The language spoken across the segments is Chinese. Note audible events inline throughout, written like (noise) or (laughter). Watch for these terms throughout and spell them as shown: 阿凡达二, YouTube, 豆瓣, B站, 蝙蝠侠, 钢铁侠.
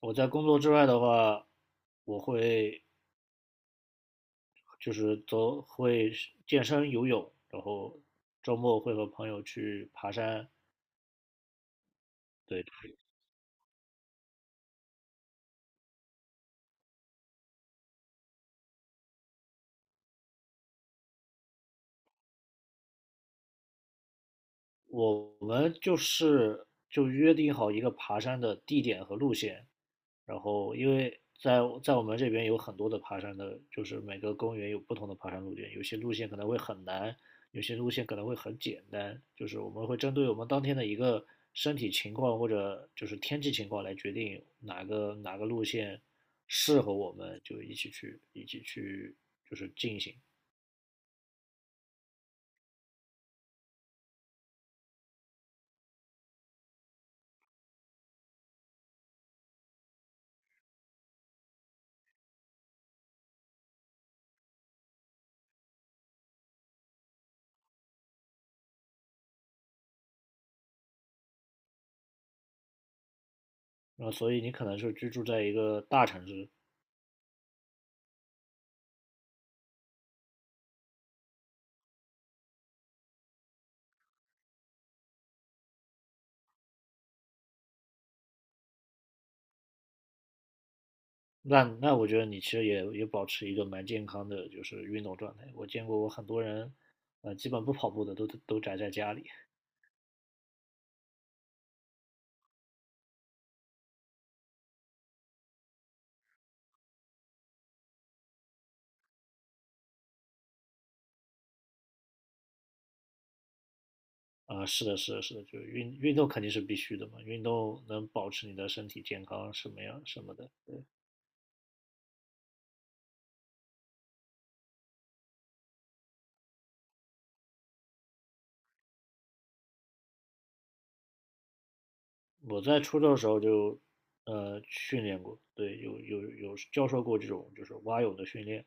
我在工作之外的话，我会就是走，会健身、游泳，然后周末会和朋友去爬山。对，我们就是就约定好一个爬山的地点和路线，然后因为在我们这边有很多的爬山的，就是每个公园有不同的爬山路线，有些路线可能会很难，有些路线可能会很简单，就是我们会针对我们当天的一个身体情况或者就是天气情况来决定哪个路线适合我们，就一起去就是进行。那所以你可能是居住在一个大城市。那我觉得你其实也保持一个蛮健康的，就是运动状态。我见过我很多人，基本不跑步的都宅在家里。是的，是的，是的，就是运动肯定是必须的嘛，运动能保持你的身体健康什么样什么的。我在初中的时候就，训练过，对，有教授过这种就是蛙泳的训练。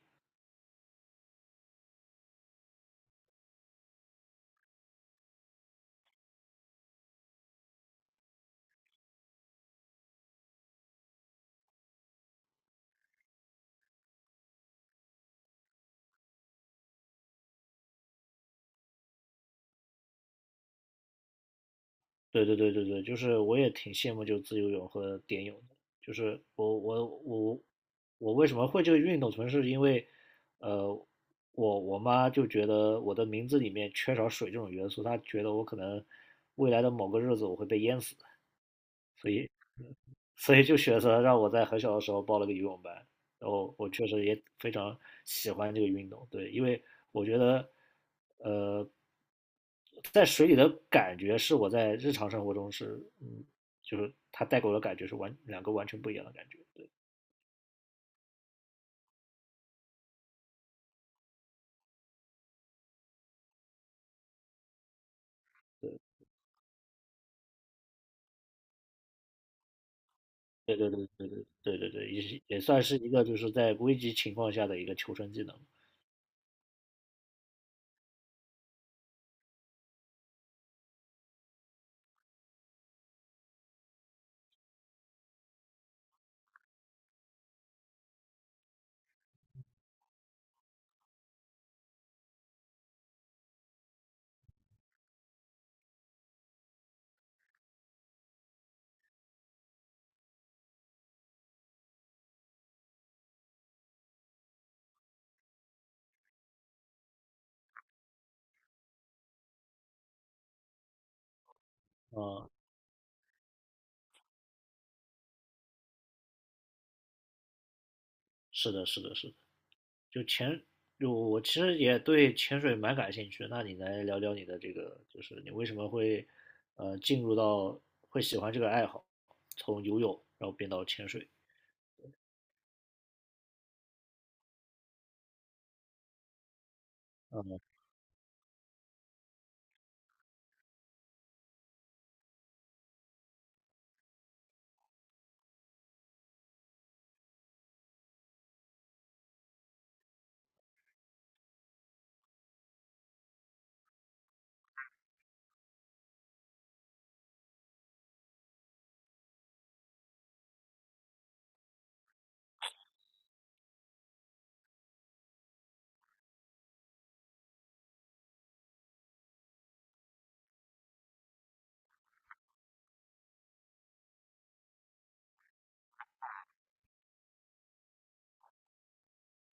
对对对对对，就是我也挺羡慕就自由泳和蝶泳的，就是我为什么会这个运动，纯是因为，呃，我妈就觉得我的名字里面缺少水这种元素，她觉得我可能未来的某个日子我会被淹死，所以就选择让我在很小的时候报了个游泳班，然后我确实也非常喜欢这个运动。对，因为我觉得，呃，在水里的感觉是我在日常生活中是，嗯，就是它带给我的感觉是完两个完全不一样的感觉。对，对对对对对对对对，也是也算是一个就是在危急情况下的一个求生技能。啊、是的，是的，是的。就潜，就我其实也对潜水蛮感兴趣。那你来聊聊你的这个，就是你为什么会进入到会喜欢这个爱好，从游泳然后变到潜水？嗯。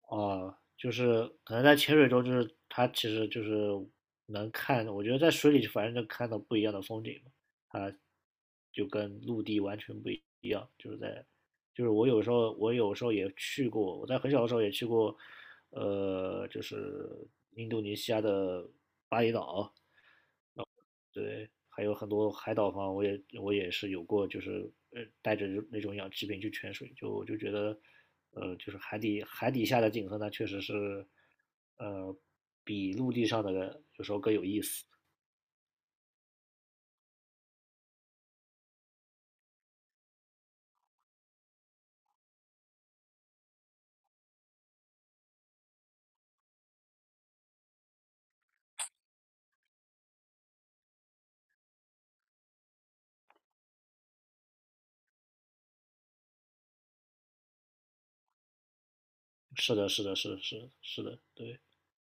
哦，就是可能在潜水中，就是它其实就是能看，我觉得在水里反正能看到不一样的风景嘛，它就跟陆地完全不一样。就是在，就是我有时候也去过，我在很小的时候也去过，就是印度尼西亚的巴厘岛。对，还有很多海岛房，我也是有过，就是带着那种氧气瓶去潜水，就我就觉得，就是海底下的景色呢，确实是，呃，比陆地上的有时候更有意思。是的，是的，是的是的是的。对，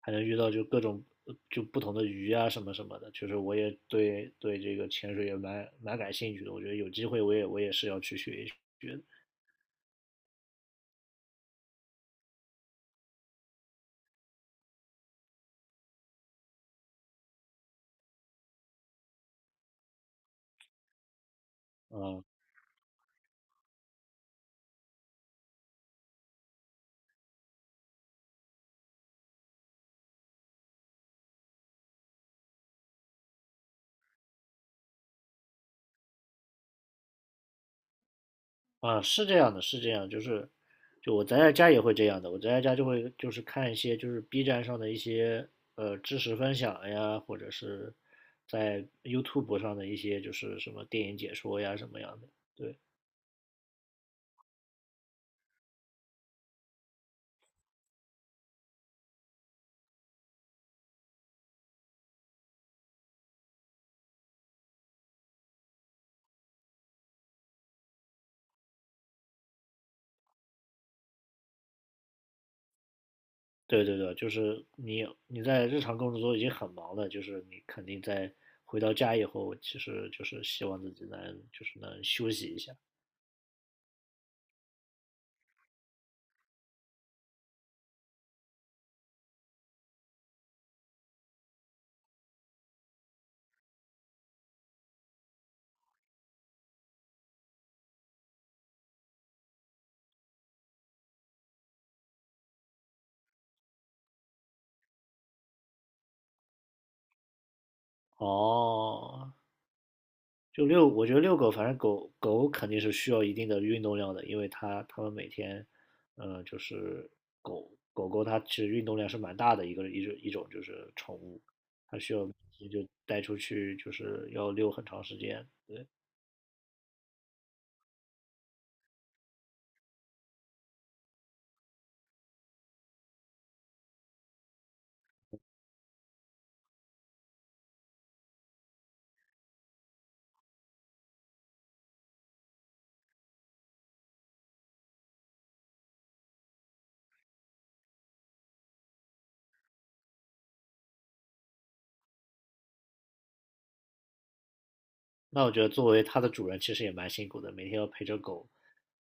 还能遇到就各种就不同的鱼啊什么什么的，确实我也对这个潜水也蛮感兴趣的，我觉得有机会我也是要去学一学的。嗯。啊，是这样的，是这样，就是，就我宅在家也会这样的，我宅在家就会就是看一些就是 B 站上的一些知识分享呀，或者是在 YouTube 上的一些就是什么电影解说呀什么样的。对，对对对，就是你在日常工作中已经很忙了，就是你肯定在回到家以后，其实就是希望自己能就是能休息一下。哦，我觉得遛狗，反正狗狗肯定是需要一定的运动量的，因为它们每天，就是狗狗它其实运动量是蛮大的一种就是宠物，它需要也就带出去就是要遛很长时间。那我觉得作为它的主人其实也蛮辛苦的，每天要陪着狗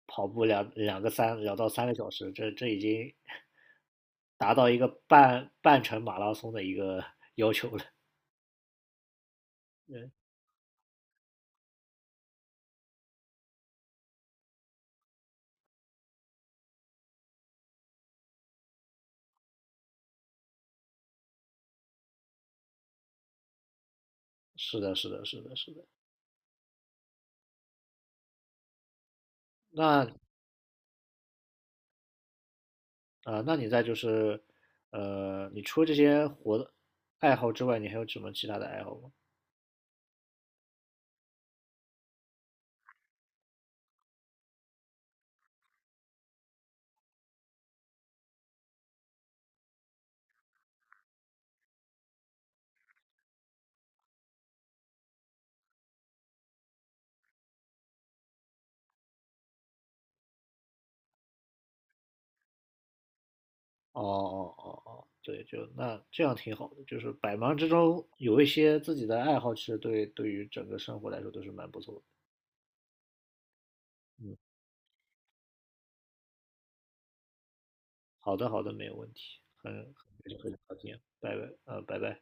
跑步两到三个小时，这这已经 (laughs) 达到一个半程马拉松的一个 (laughs) 要求了。嗯，是的，是的，是的，是的。那啊，那你在就是，你除了这些活的爱好之外，你还有什么其他的爱好吗？哦哦哦哦，对，就那这样挺好的，就是百忙之中有一些自己的爱好，其实对于整个生活来说都是蛮不错的。嗯，好的好的，没有问题，很高兴，拜拜，拜拜。